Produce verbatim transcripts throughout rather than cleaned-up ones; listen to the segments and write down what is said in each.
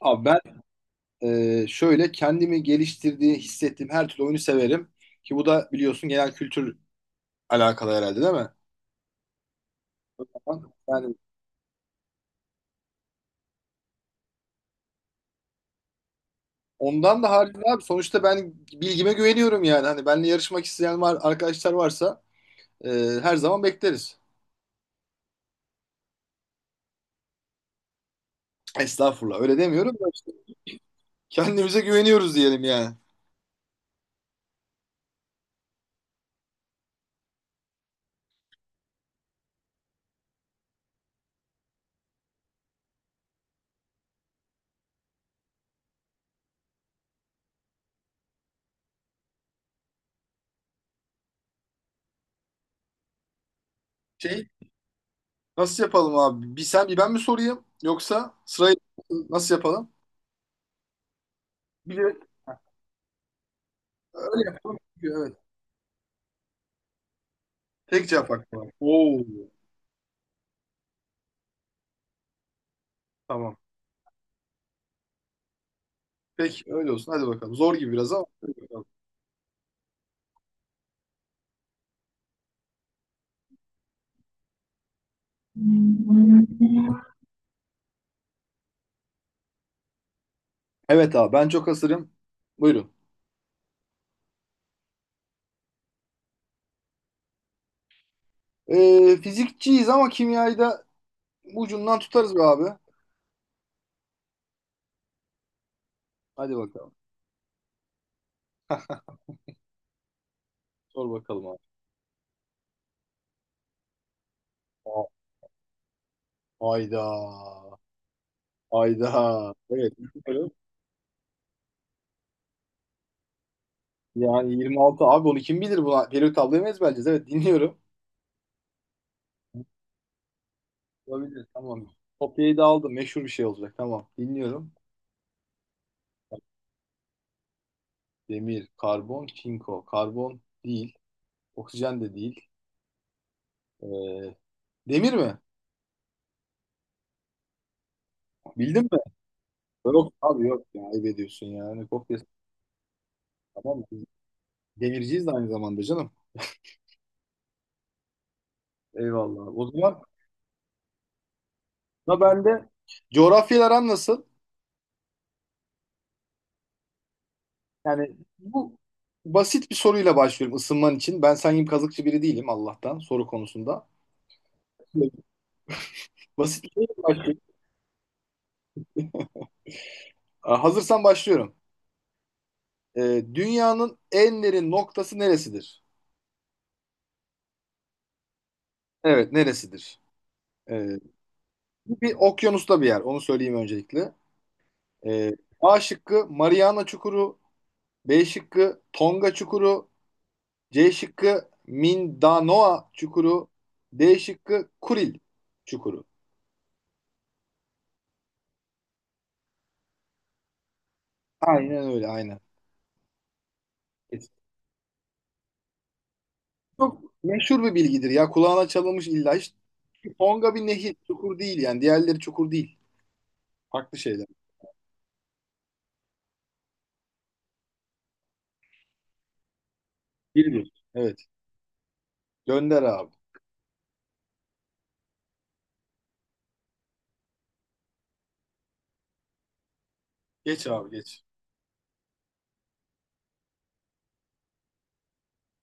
Abi ben e, şöyle kendimi geliştirdiği, hissettiğim her türlü oyunu severim. Ki bu da biliyorsun genel kültür alakalı herhalde değil mi? Yani ondan da haricinde abi sonuçta ben bilgime güveniyorum yani. Hani benimle yarışmak isteyen var, arkadaşlar varsa e, her zaman bekleriz. Estağfurullah öyle demiyorum da işte kendimize güveniyoruz diyelim yani. Şey, nasıl yapalım abi? Bir sen bir ben mi sorayım yoksa sırayı nasıl yapalım? Bir de öyle yapalım. Çünkü evet. Tek cevap hakkı var. Oo. Tamam. Peki öyle olsun. Hadi bakalım. Zor gibi biraz ama, hadi bakalım. Evet abi ben çok hazırım. Buyurun. Ee, fizikçiyiz ama kimyayı da ucundan tutarız be abi. Hadi bakalım. Sor bakalım abi. A- Ayda. Ayda. Evet. Dinliyorum. Yani yirmi altı abi onu kim bilir buna? Peri tabloyu mu ezberleyeceğiz? Evet dinliyorum. Olabilir, tamam. Kopyayı da aldım. Meşhur bir şey olacak. Tamam dinliyorum. Demir, karbon, çinko. Karbon değil. Oksijen de değil. Ee, demir mi? Bildin mi? Yok abi yok ya, ayıp ediyorsun ya. Hani kopya tamam mı? Biz demirciyiz de aynı zamanda canım. Eyvallah. O zaman da ben de coğrafyalar aran nasıl? Yani bu basit bir soruyla başlıyorum ısınman için. Ben sen gibi kazıkçı biri değilim Allah'tan soru konusunda. Basit bir soruyla başlıyorum. Aa, hazırsan başlıyorum. Ee, dünyanın en derin noktası neresidir? Evet neresidir? Ee, bu bir okyanusta bir yer. Onu söyleyeyim öncelikle. Ee, A şıkkı Mariana Çukuru, B şıkkı Tonga Çukuru. C şıkkı Mindanoa Çukuru. D şıkkı Kuril Çukuru. Aynen öyle, aynen. Çok meşhur bir bilgidir ya. Kulağına çalınmış illa. Hiç. Tonga bir nehir. Çukur değil yani. Diğerleri çukur değil. Farklı şeyler. Bir bir. Evet. Gönder abi. Geç abi geç.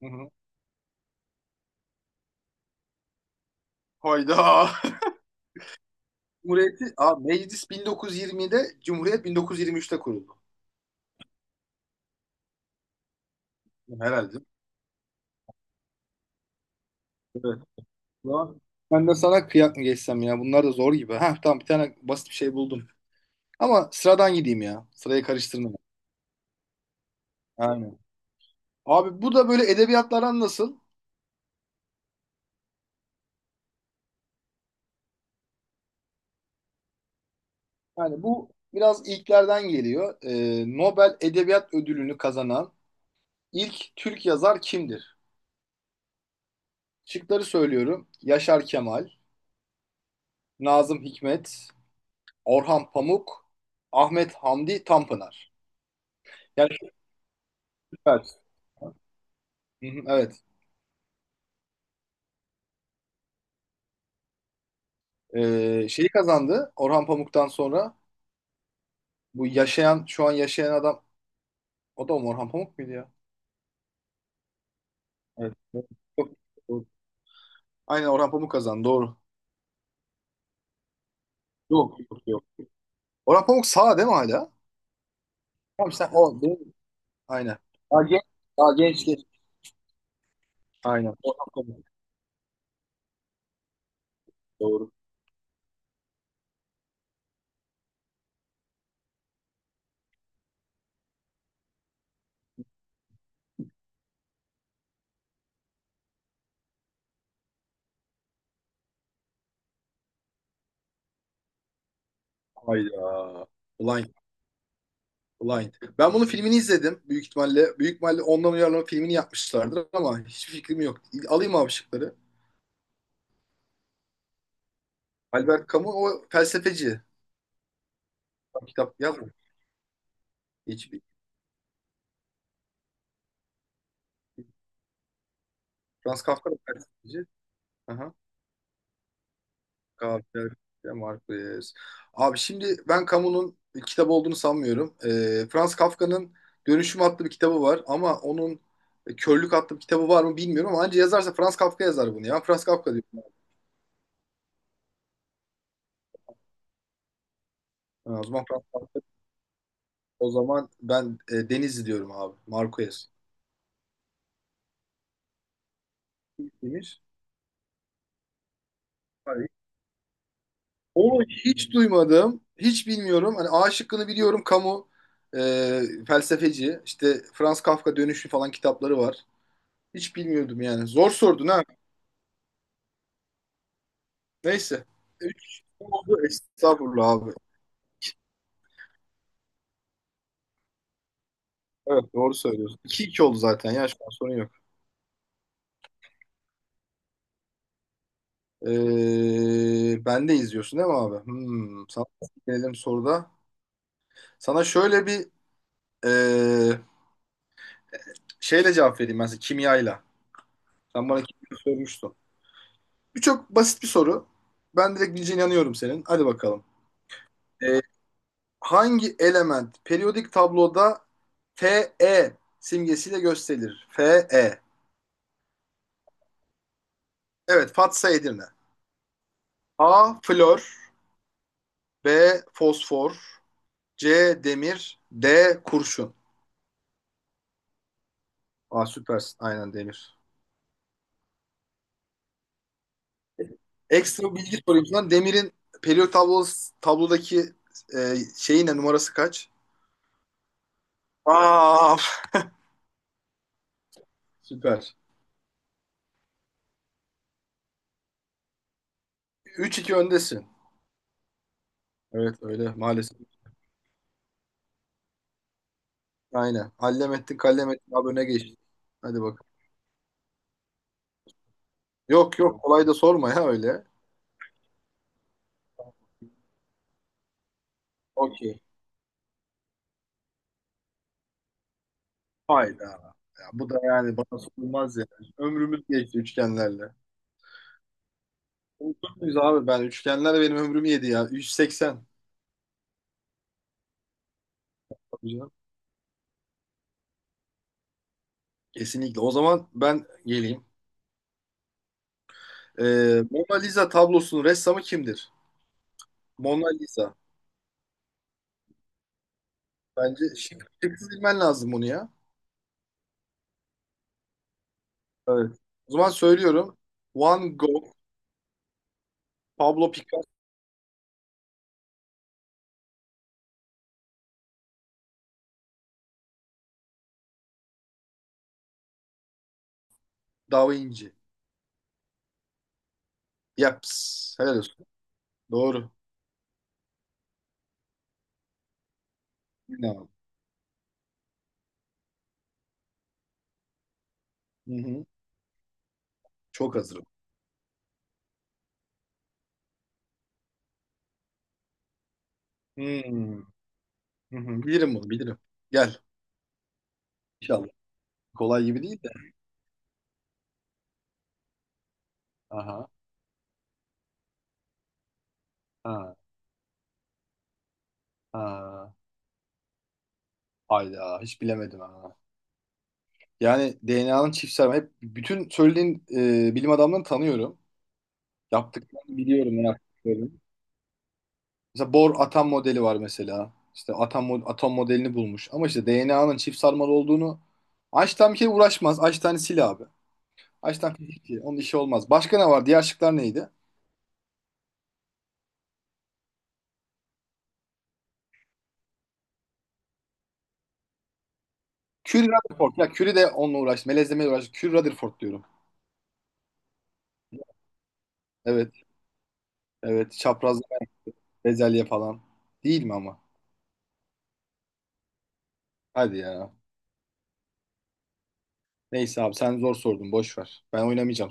Hı hı. Hayda. Cumhuriyeti, abi, meclis bin dokuz yüz yirmide, Cumhuriyet bin dokuz yüz yirmi üçte kuruldu. Herhalde. Evet. Ulan, ben de sana kıyak mı geçsem ya? Bunlar da zor gibi. Heh tamam, bir tane basit bir şey buldum. Ama sıradan gideyim ya. Sırayı karıştırma. Aynen. Abi bu da böyle edebiyatlardan nasıl? Yani bu biraz ilklerden geliyor. Ee, Nobel Edebiyat Ödülünü kazanan ilk Türk yazar kimdir? Şıkları söylüyorum. Yaşar Kemal, Nazım Hikmet, Orhan Pamuk, Ahmet Hamdi Tanpınar. Yani evet. Hı hı, evet. Ee, şeyi kazandı Orhan Pamuk'tan sonra. Bu yaşayan, şu an yaşayan adam o da mı Orhan Pamuk muydu ya? Evet, evet. Yok. Aynen Orhan Pamuk kazandı. Doğru. Yok yok yok. Orhan Pamuk sağ değil mi hala? Tamam sen o değil mi? Aynen. Daha genç, daha genç genç. Aynen. Orhan Pamuk. Doğru. Hayda. Blind. Blind. Ben bunun filmini izledim. Büyük ihtimalle. Büyük ihtimalle ondan uyarlama filmini yapmışlardır ama hiçbir fikrim yok. Alayım abi şıkları. Albert Camus o felsefeci. Kitap yazmış. Hiçbir. Franz Kafka da felsefeci. Aha. Kafka, Marquez. Abi şimdi ben Camus'un kitap olduğunu sanmıyorum. Ee, Franz Kafka'nın Dönüşüm adlı bir kitabı var ama onun e, Körlük adlı bir kitabı var mı bilmiyorum ama anca yazarsa Franz Kafka yazar bunu ya. Franz Kafka diyorum. Ha, o zaman Franz Kafka. O zaman ben e, Deniz diyorum abi. Marquez. Demiş. Hayır. Onu hiç duymadım. Hiç bilmiyorum. Hani A şıkkını biliyorum. Camus e, felsefeci. İşte Franz Kafka Dönüşüm falan kitapları var. Hiç bilmiyordum yani. Zor sordun ha. Neyse. Üç oldu. Estağfurullah abi. Evet doğru söylüyorsun. 2 iki oldu zaten ya, şu an sorun yok. Ee, ben de izliyorsun değil mi abi? Hmm, sana gelelim soruda. Sana şöyle bir ee, şeyle cevap vereyim ben size kimyayla. Sen bana kimya sormuştun. Bu çok basit bir soru. Ben direkt bileceğine inanıyorum senin. Hadi bakalım. Ee, hangi element periyodik tabloda Fe simgesiyle gösterilir? Fe. Evet Fatsa Edirne. A. Flor. B. Fosfor. C. Demir. D. Kurşun. Aa süpersin. Aynen demir. Ekstra bilgi sorayım sana. Demirin periyot tablosu, tablodaki e, şeyi ne? Numarası kaç? Aa süper. Üç iki öndesin. Evet öyle maalesef. Aynen. Hallem ettin kallem ettin abi, öne geçtin. Hadi bakalım. Yok yok kolay da sorma ya öyle. Okey. Hayda. Ya, bu da yani bana sorulmaz ya. Ömrümüz geçti üçgenlerle. Unutur muyuz abi ben? Üçgenler benim ömrümü yedi ya. üç yüz seksen. Biliyorum. Kesinlikle. O zaman ben geleyim. Ee, Mona Lisa tablosunun ressamı kimdir? Mona Lisa. Bence şık, şıksız bilmen lazım bunu ya. Evet. O zaman söylüyorum. Van Gogh, Pablo Picasso, Da Vinci. Yaps. Helal olsun. Doğru. İnanın. Hı hı. Çok hazırım. Hmm. Hı hı. Bilirim bunu, bilirim. Gel. İnşallah. Kolay gibi değil de. Aha. Ha. Ha. Hayda. Hiç bilemedim ha. Yani D N A'nın çiftsel hep bütün söylediğin e, bilim adamlarını tanıyorum. Yaptıklarını biliyorum, ne yaptıklarını. Mesela Bohr atom modeli var mesela. İşte atom mo- atom modelini bulmuş. Ama işte D N A'nın çift sarmal olduğunu Einstein bir kere uğraşmaz. Einstein'ı sil abi. Einstein fizikçi. Onun işi olmaz. Başka ne var? Diğer şıklar neydi? Curie Rutherford. Ya Curie de onunla uğraştı. Melezlemeyle uğraştı. Curie Rutherford diyorum. Evet. Evet. Çapraz bezelye falan. Değil mi ama? Hadi ya. Neyse abi sen zor sordun. Boş ver. Ben oynamayacağım.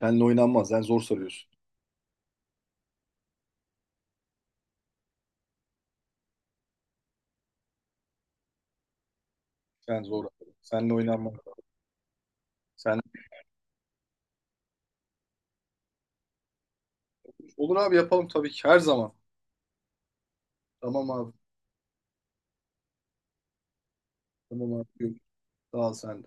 Seninle oynanmaz. Sen zor soruyorsun. Sen zor, abi. Seninle oynanmaz. Sen... Olur abi yapalım tabii ki her zaman. Tamam abi. Tamam abi. Sağ ol sen.